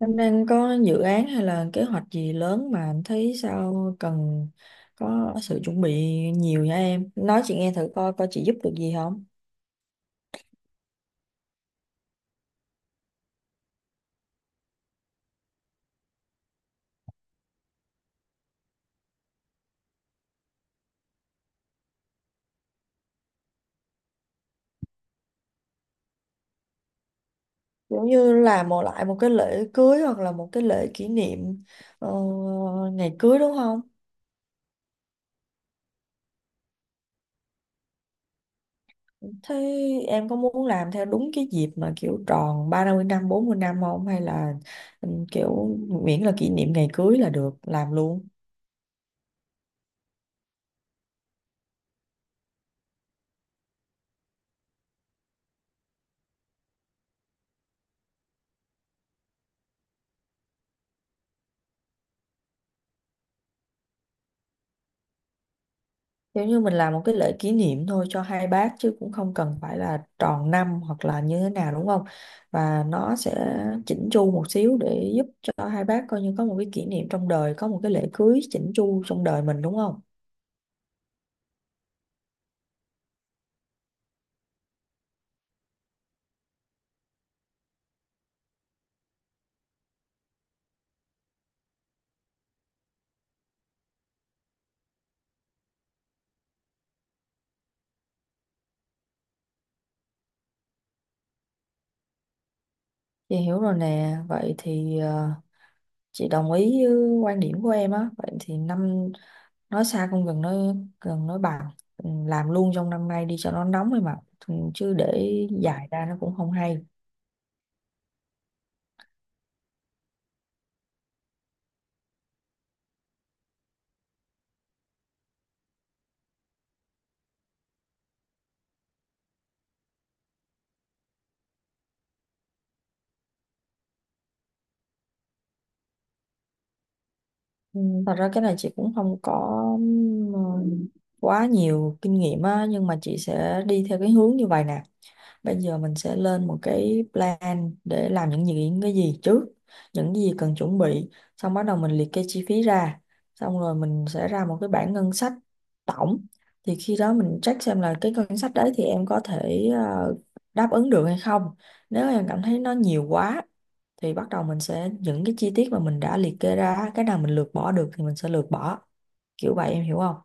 Năm đang có dự án hay là kế hoạch gì lớn mà anh thấy sao cần có sự chuẩn bị nhiều nha em. Nói chị nghe thử coi coi chị giúp được gì không. Giống như là một cái lễ cưới hoặc là một cái lễ kỷ niệm ờ, ngày cưới đúng không? Thế em có muốn làm theo đúng cái dịp mà kiểu tròn 30 năm, 40 năm không? Hay là kiểu miễn là kỷ niệm ngày cưới là được làm luôn? Giống như mình làm một cái lễ kỷ niệm thôi cho hai bác chứ cũng không cần phải là tròn năm hoặc là như thế nào đúng không? Và nó sẽ chỉnh chu một xíu để giúp cho hai bác coi như có một cái kỷ niệm trong đời, có một cái lễ cưới chỉnh chu trong đời mình đúng không? Chị hiểu rồi nè, vậy thì chị đồng ý với quan điểm của em á, vậy thì năm nói xa không gần nói gần nói bằng làm luôn trong năm nay đi cho nó nóng ấy mà. Chứ để dài ra nó cũng không hay. Ừ, Thật ra cái này chị cũng không có ừm, quá nhiều kinh nghiệm á, nhưng mà chị sẽ đi theo cái hướng như vậy nè. Bây giờ mình sẽ lên một cái plan để làm những gì, những cái gì trước, những gì cần chuẩn bị, xong bắt đầu mình liệt kê chi phí ra, xong rồi mình sẽ ra một cái bảng ngân sách tổng. Thì khi đó mình check xem là cái ngân sách đấy thì em có thể đáp ứng được hay không. Nếu em cảm thấy nó nhiều quá thì bắt đầu mình sẽ những cái chi tiết mà mình đã liệt kê ra, cái nào mình lược bỏ được thì mình sẽ lược bỏ. Kiểu vậy em hiểu không?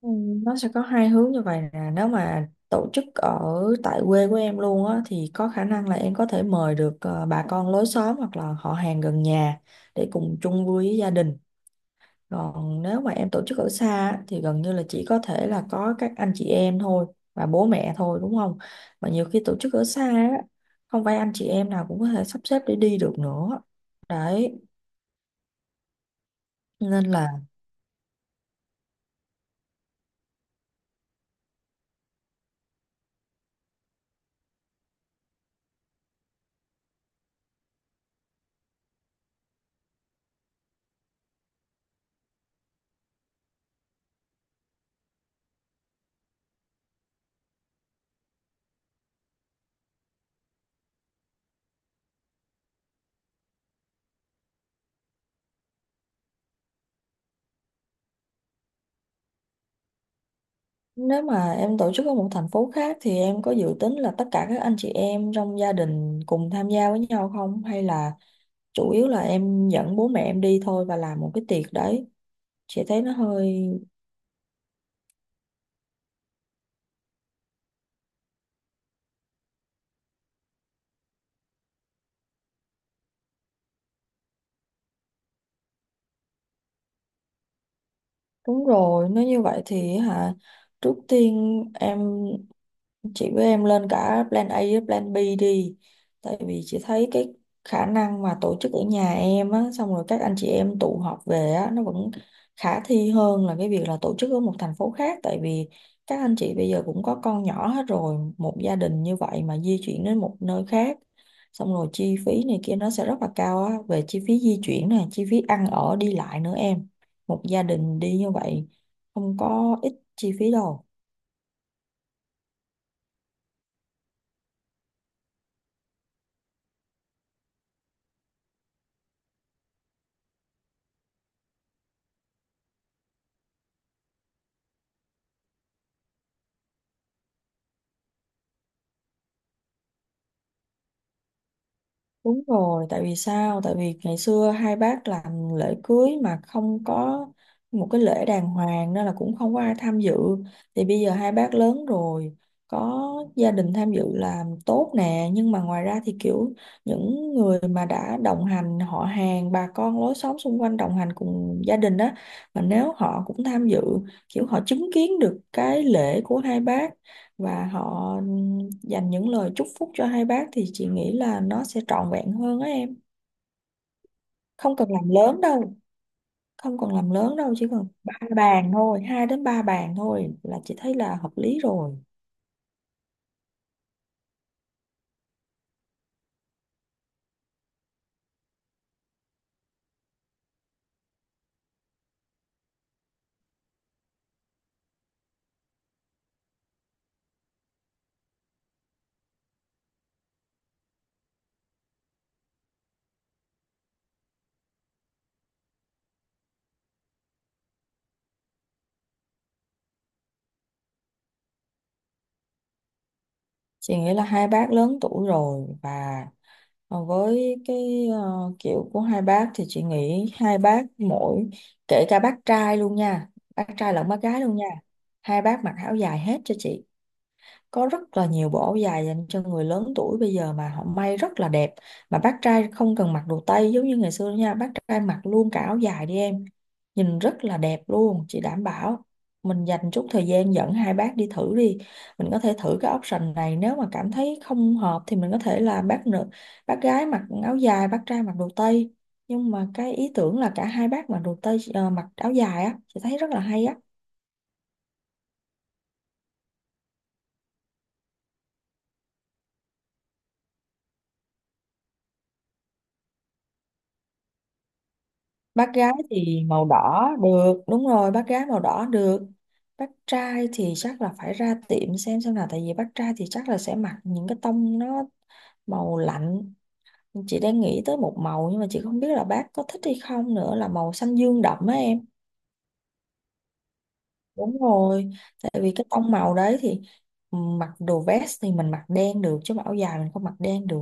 Ừ, Nó sẽ có hai hướng như vậy nè. Nếu mà tổ chức ở tại quê của em luôn á thì có khả năng là em có thể mời được bà con lối xóm hoặc là họ hàng gần nhà để cùng chung vui với gia đình. Còn nếu mà em tổ chức ở xa á, thì gần như là chỉ có thể là có các anh chị em thôi và bố mẹ thôi đúng không. Mà nhiều khi tổ chức ở xa á không phải anh chị em nào cũng có thể sắp xếp để đi được nữa đấy, nên là. Nếu mà em tổ chức ở một thành phố khác thì em có dự tính là tất cả các anh chị em trong gia đình cùng tham gia với nhau không? Hay là chủ yếu là em dẫn bố mẹ em đi thôi và làm một cái tiệc đấy? Chị thấy nó hơi... Đúng rồi, nếu như vậy thì hả? Trước tiên em, chị với em lên cả plan A với plan B đi, tại vì chị thấy cái khả năng mà tổ chức ở nhà em á xong rồi các anh chị em tụ họp về á nó vẫn khả thi hơn là cái việc là tổ chức ở một thành phố khác. Tại vì các anh chị bây giờ cũng có con nhỏ hết rồi, một gia đình như vậy mà di chuyển đến một nơi khác xong rồi chi phí này kia nó sẽ rất là cao á, về chi phí di chuyển này, chi phí ăn ở đi lại nữa em, một gia đình đi như vậy không có ít chi phí đâu. Đúng rồi, tại vì sao? Tại vì ngày xưa hai bác làm lễ cưới mà không có một cái lễ đàng hoàng nên là cũng không có ai tham dự. Thì bây giờ hai bác lớn rồi, có gia đình tham dự là tốt nè, nhưng mà ngoài ra thì kiểu những người mà đã đồng hành, họ hàng, bà con lối xóm xung quanh đồng hành cùng gia đình đó, mà nếu họ cũng tham dự, kiểu họ chứng kiến được cái lễ của hai bác và họ dành những lời chúc phúc cho hai bác thì chị nghĩ là nó sẽ trọn vẹn hơn á em. Không cần làm lớn đâu, không cần làm lớn đâu, chỉ cần ba bàn thôi, hai đến ba bàn thôi là chị thấy là hợp lý rồi. Chị nghĩ là hai bác lớn tuổi rồi và với cái kiểu của hai bác thì chị nghĩ hai bác mỗi, kể cả bác trai luôn nha, bác trai lẫn bác gái luôn nha, hai bác mặc áo dài hết cho chị. Có rất là nhiều bộ áo dài dành cho người lớn tuổi bây giờ mà họ may rất là đẹp, mà bác trai không cần mặc đồ tây giống như ngày xưa nữa nha, bác trai mặc luôn cả áo dài đi em, nhìn rất là đẹp luôn chị đảm bảo. Mình dành chút thời gian dẫn hai bác đi thử đi, mình có thể thử cái option này, nếu mà cảm thấy không hợp thì mình có thể là bác nữ, bác gái mặc áo dài, bác trai mặc đồ tây. Nhưng mà cái ý tưởng là cả hai bác mặc đồ tây mặc áo dài á chị thấy rất là hay á. Bác gái thì màu đỏ được, đúng rồi, bác gái màu đỏ được. Bác trai thì chắc là phải ra tiệm xem nào, tại vì bác trai thì chắc là sẽ mặc những cái tông nó màu lạnh. Chị đang nghĩ tới một màu nhưng mà chị không biết là bác có thích hay không nữa, là màu xanh dương đậm á em. Đúng rồi, tại vì cái tông màu đấy thì mặc đồ vest thì mình mặc đen được chứ mà áo dài mình không mặc đen được,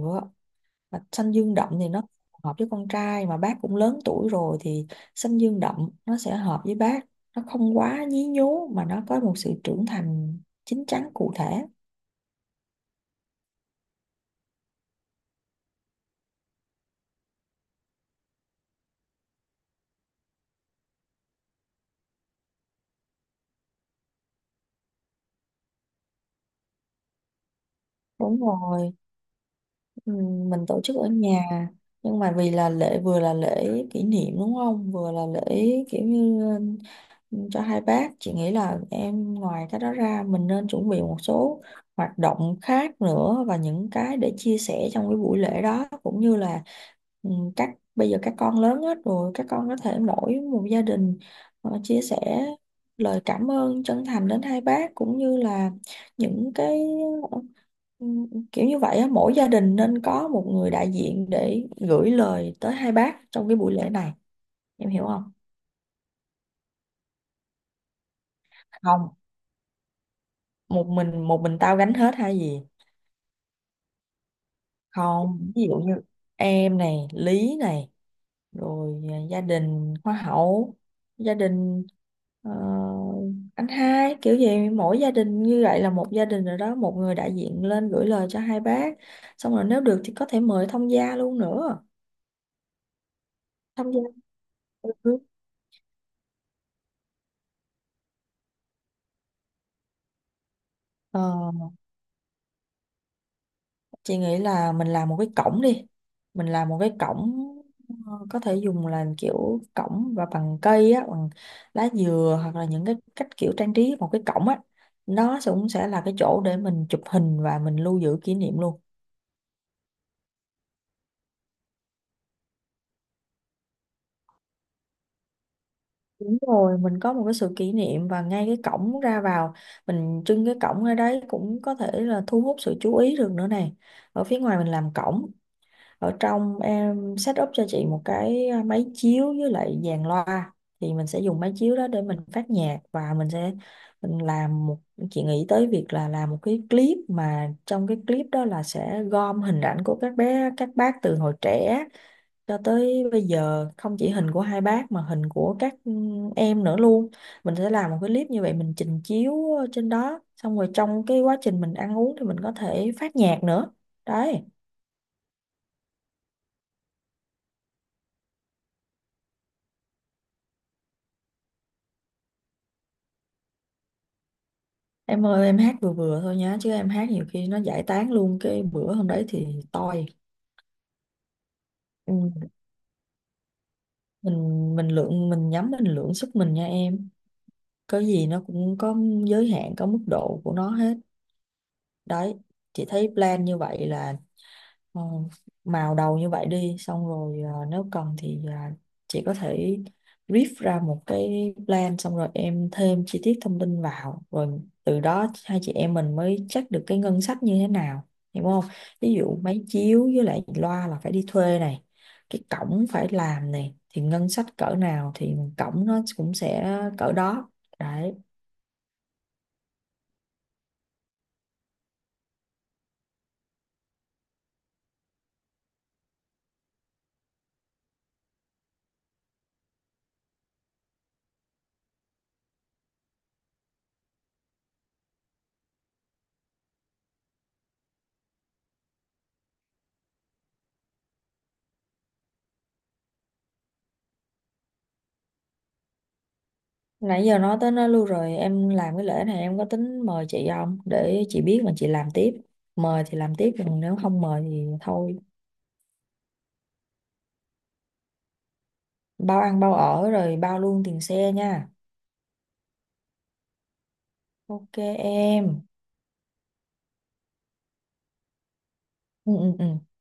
mà xanh dương đậm thì nó hợp với con trai, mà bác cũng lớn tuổi rồi thì xanh dương đậm nó sẽ hợp với bác, nó không quá nhí nhố mà nó có một sự trưởng thành chín chắn cụ thể. Đúng rồi. Ừ, mình tổ chức ở nhà, nhưng mà vì là lễ, vừa là lễ kỷ niệm đúng không, vừa là lễ kiểu như cho hai bác, chị nghĩ là em ngoài cái đó ra mình nên chuẩn bị một số hoạt động khác nữa và những cái để chia sẻ trong cái buổi lễ đó, cũng như là ừ, các bây giờ các con lớn hết rồi, các con có thể mỗi một gia đình chia sẻ lời cảm ơn chân thành đến hai bác, cũng như là những cái kiểu như vậy á, mỗi gia đình nên có một người đại diện để gửi lời tới hai bác trong cái buổi lễ này, em hiểu không? Không, một mình, một mình tao gánh hết hay gì? Không, ví dụ như em này, Lý này, rồi à, gia đình Hoa hậu, gia đình ờ, anh hai, kiểu gì mỗi gia đình như vậy là một gia đình rồi đó, một người đại diện lên gửi lời cho hai bác. Xong rồi nếu được thì có thể mời thông gia luôn nữa. Thông gia. Ừ. Ờ, chị nghĩ là mình làm một cái cổng đi, mình làm một cái cổng có thể dùng là kiểu cổng và bằng cây á, bằng lá dừa hoặc là những cái cách kiểu trang trí một cái cổng á. Cũng sẽ là cái chỗ để mình chụp hình và mình lưu giữ kỷ niệm luôn. Đúng rồi, mình có một cái sự kỷ niệm, và ngay cái cổng ra vào mình trưng cái cổng ở đấy cũng có thể là thu hút sự chú ý được nữa này. Ở phía ngoài mình làm cổng, ở trong em set up cho chị một cái máy chiếu với lại dàn loa, thì mình sẽ dùng máy chiếu đó để mình phát nhạc và mình sẽ, mình làm một, chị nghĩ tới việc là làm một cái clip mà trong cái clip đó là sẽ gom hình ảnh của các bé các bác từ hồi trẻ cho tới bây giờ, không chỉ hình của hai bác mà hình của các em nữa luôn. Mình sẽ làm một cái clip như vậy mình trình chiếu trên đó, xong rồi trong cái quá trình mình ăn uống thì mình có thể phát nhạc nữa đấy. Em ơi em hát vừa vừa thôi nhá, chứ em hát nhiều khi nó giải tán luôn cái bữa hôm đấy thì toi. Ừ. Mình lượng sức mình nha em, có gì nó cũng có giới hạn, có mức độ của nó hết đấy. Chị thấy plan như vậy là, Ờ, màu đầu như vậy đi, xong rồi nếu cần thì chị có thể brief ra một cái plan xong rồi em thêm chi tiết thông tin vào, rồi từ đó hai chị em mình mới check được cái ngân sách như thế nào, hiểu không? Ví dụ máy chiếu với lại loa là phải đi thuê này, cái cổng phải làm này, thì ngân sách cỡ nào thì cổng nó cũng sẽ cỡ đó đấy. Nãy giờ nói tới nó luôn rồi, em làm cái lễ này em có tính mời chị không để chị biết mà chị làm tiếp, mời thì làm tiếp còn nếu không mời thì thôi. Bao ăn bao ở rồi bao luôn tiền xe nha. Ok em. Ừ, ừ, ừ.